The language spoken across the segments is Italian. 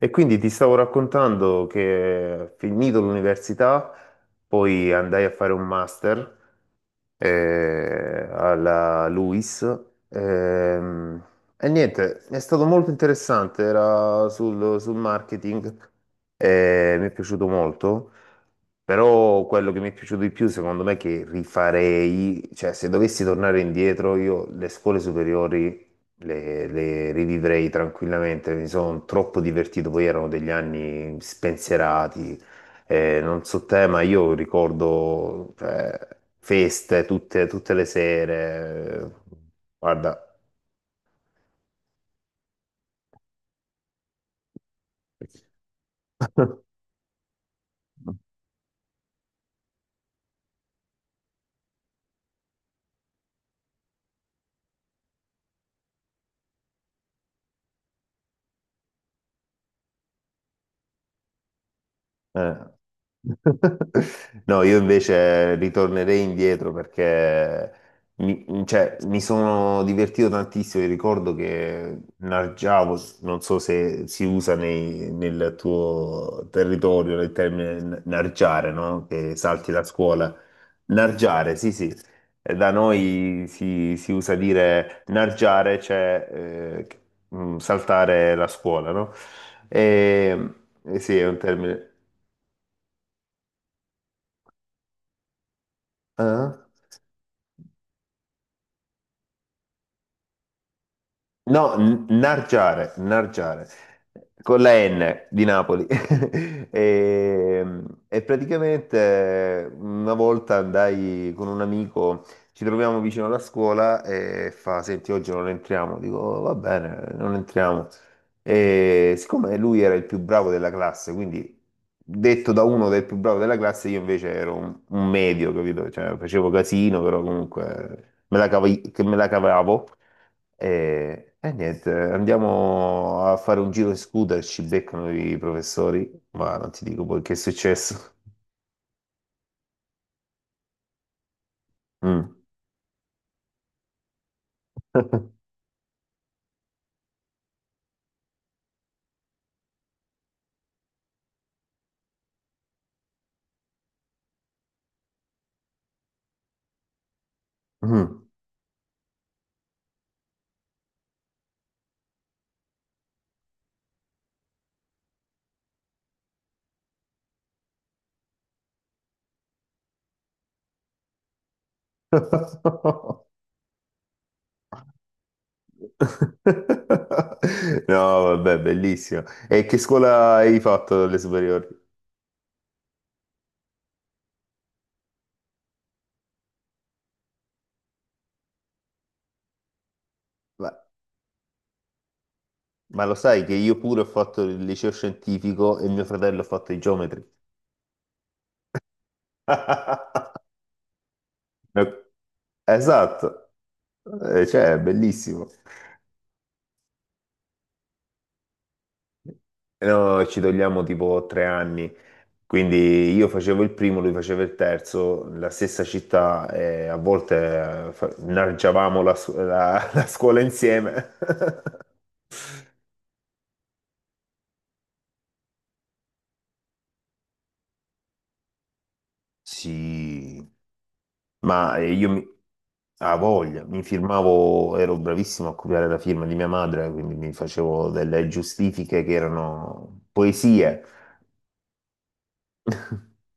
E quindi ti stavo raccontando che finito l'università, poi andai a fare un master alla LUIS. ehm, e niente, è stato molto interessante, era sul marketing e mi è piaciuto molto. Però quello che mi è piaciuto di più, secondo me, che rifarei, cioè se dovessi tornare indietro, io le scuole superiori le rivivrei tranquillamente, mi sono troppo divertito, poi erano degli anni spensierati, non so te, ma io ricordo, cioè, feste tutte le sere, guarda. Eh. No, io invece ritornerei indietro perché cioè, mi sono divertito tantissimo. Io ricordo che nargiavo, non so se si usa nel tuo territorio il termine nargiare, no? Che salti la scuola. Nargiare, sì, sì. Da noi si usa dire nargiare, cioè saltare la scuola, no? E, eh sì, è un termine. Ah? No, nargiare, nargiare, con la N di Napoli. E, e praticamente una volta andai con un amico, ci troviamo vicino alla scuola e fa, senti, oggi non entriamo. Dico, "Oh, va bene, non entriamo." E siccome lui era il più bravo della classe, quindi detto da uno del più bravo della classe, io invece ero un medio, capito? Cioè, facevo casino, però comunque che me la cavavo. E niente, andiamo a fare un giro in scooter, ci beccano i professori, ma non ti dico poi che è successo. Mm. Mm. No, vabbè, bellissimo. E che scuola hai fatto alle superiori? Ma, ma lo sai che io pure ho fatto il liceo scientifico e mio fratello ha fatto i geometri. No, esatto, cioè, è bellissimo. No, ci togliamo tipo 3 anni. Quindi io facevo il primo, lui faceva il terzo, la stessa città, e a volte innalzavamo la scuola insieme, Sì, ma a voglia, mi firmavo, ero bravissimo a copiare la firma di mia madre, quindi mi facevo delle giustifiche che erano poesie.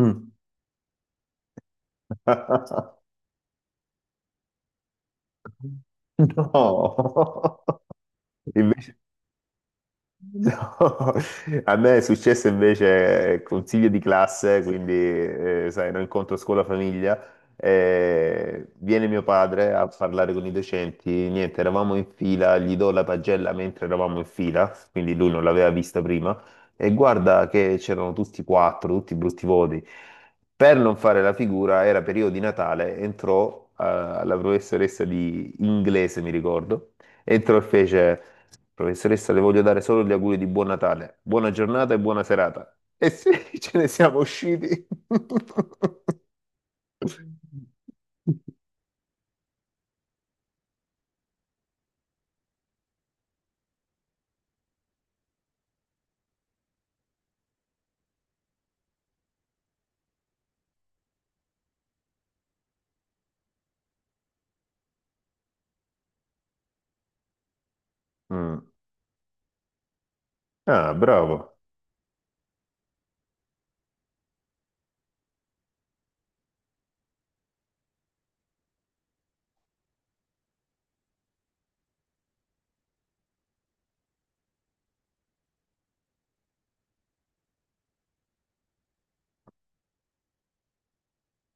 Mm. No, invece No, a me è successo invece consiglio di classe, quindi sai, un incontro scuola-famiglia, viene mio padre a parlare con i docenti, niente, eravamo in fila, gli do la pagella mentre eravamo in fila, quindi lui non l'aveva vista prima, e guarda che c'erano tutti quattro, tutti brutti voti. Per non fare la figura, era periodo di Natale, entrò la professoressa di inglese, mi ricordo, entrò e fece... Professoressa, le voglio dare solo gli auguri di buon Natale, buona giornata e buona serata. E sì, ce ne siamo usciti. Mm. Ah, bravo.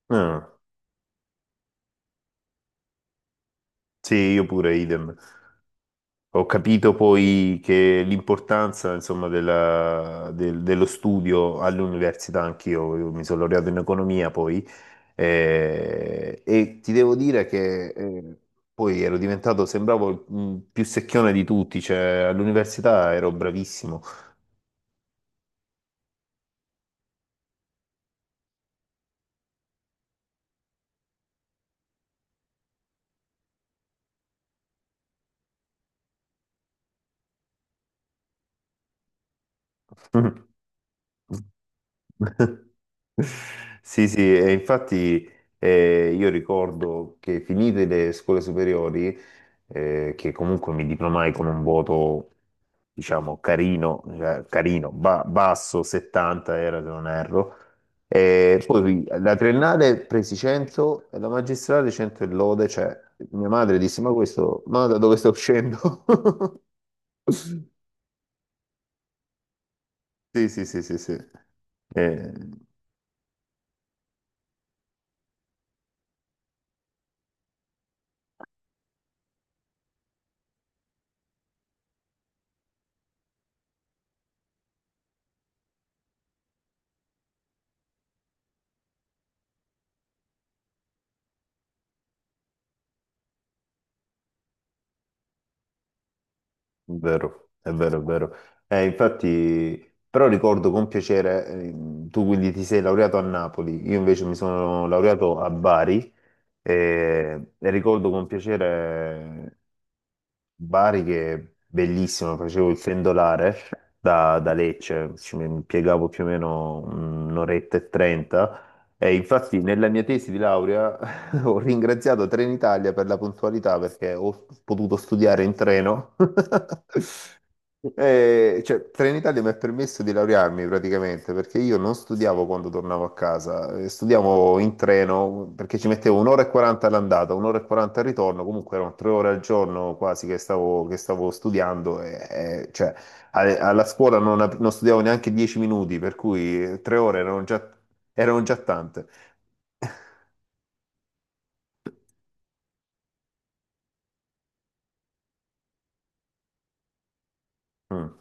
Ah, sì, io pure, idem. Ho capito poi che l'importanza, insomma, dello studio all'università, anch'io, io mi sono laureato in economia poi. E ti devo dire che poi ero diventato, sembravo il più secchione di tutti, cioè all'università ero bravissimo. Sì, sì, e infatti io ricordo che finite le scuole superiori, che comunque mi diplomai con un voto, diciamo, carino, cioè, carino, basso, 70 era se non erro, e poi la triennale presi 100 e la magistrale 100 e lode, cioè mia madre disse, ma questo, ma da dove sto uscendo? Sì, sì, sì, sì, sì. Eh, vero, è vero, è vero. Infatti, però ricordo con piacere, tu quindi ti sei laureato a Napoli, io invece mi sono laureato a Bari. E ricordo con piacere Bari che è bellissimo, facevo il pendolare da Lecce, ci mi piegavo più o meno un'oretta e 30 e infatti nella mia tesi di laurea Ho ringraziato Trenitalia per la puntualità perché ho potuto studiare in treno. E, cioè, Trenitalia mi ha permesso di laurearmi praticamente perché io non studiavo quando tornavo a casa, studiavo in treno perché ci mettevo un'ora e 40 all'andata, un'ora e 40 al ritorno, comunque erano 3 ore al giorno quasi che stavo, studiando e, cioè, alla scuola non, non studiavo neanche 10 minuti, per cui 3 ore erano già tante. Mm.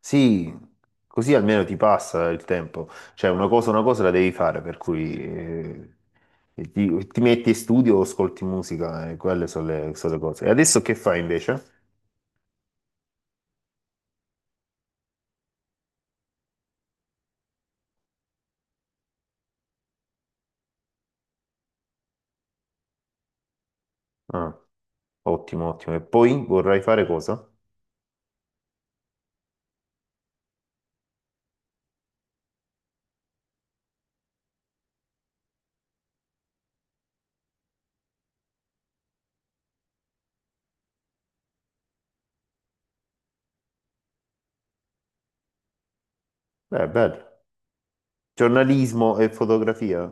Sì, così almeno ti passa il tempo. Cioè, una cosa la devi fare, per cui ti metti in studio o ascolti musica, e quelle sono sono le cose. E adesso che fai invece? Ah, ottimo, ottimo. E poi vorrai fare cosa? Beh, bello. Giornalismo e fotografia?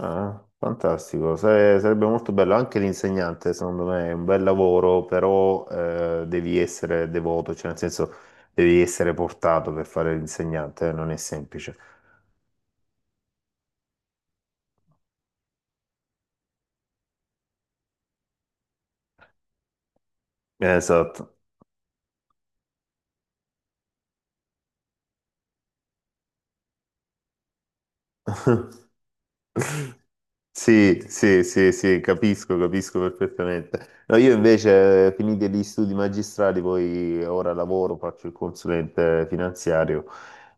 Ah, fantastico. Sarebbe molto bello. Anche l'insegnante, secondo me, è un bel lavoro, però devi essere devoto, cioè nel senso devi essere portato per fare l'insegnante, non è semplice. Esatto. Sì, sì, sì, sì, capisco, capisco perfettamente. No, io invece, finiti gli studi magistrali, poi ora lavoro, faccio il consulente finanziario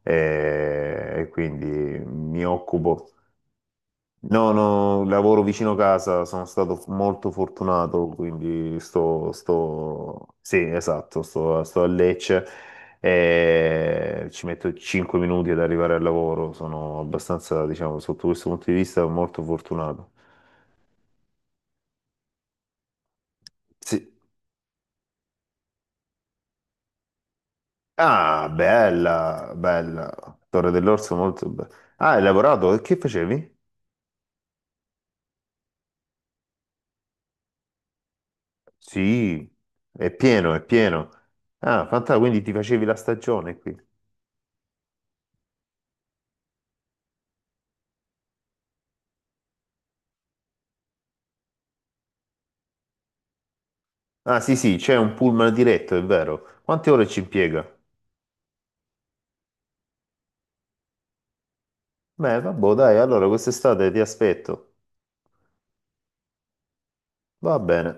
e quindi mi occupo. No, no, lavoro vicino casa, sono stato molto fortunato, quindi sto... Sì, esatto, sto a Lecce e ci metto 5 minuti ad arrivare al lavoro, sono abbastanza, diciamo, sotto questo punto di vista, molto fortunato. Sì. Ah, bella, bella. Torre dell'Orso, molto bella. Ah, hai lavorato? E che facevi? Sì, è pieno, è pieno. Ah, fantastico, quindi ti facevi la stagione qui. Ah sì sì, c'è un pullman diretto, è vero. Quante ore ci impiega? Beh, vabbè, dai, allora quest'estate ti aspetto. Va bene.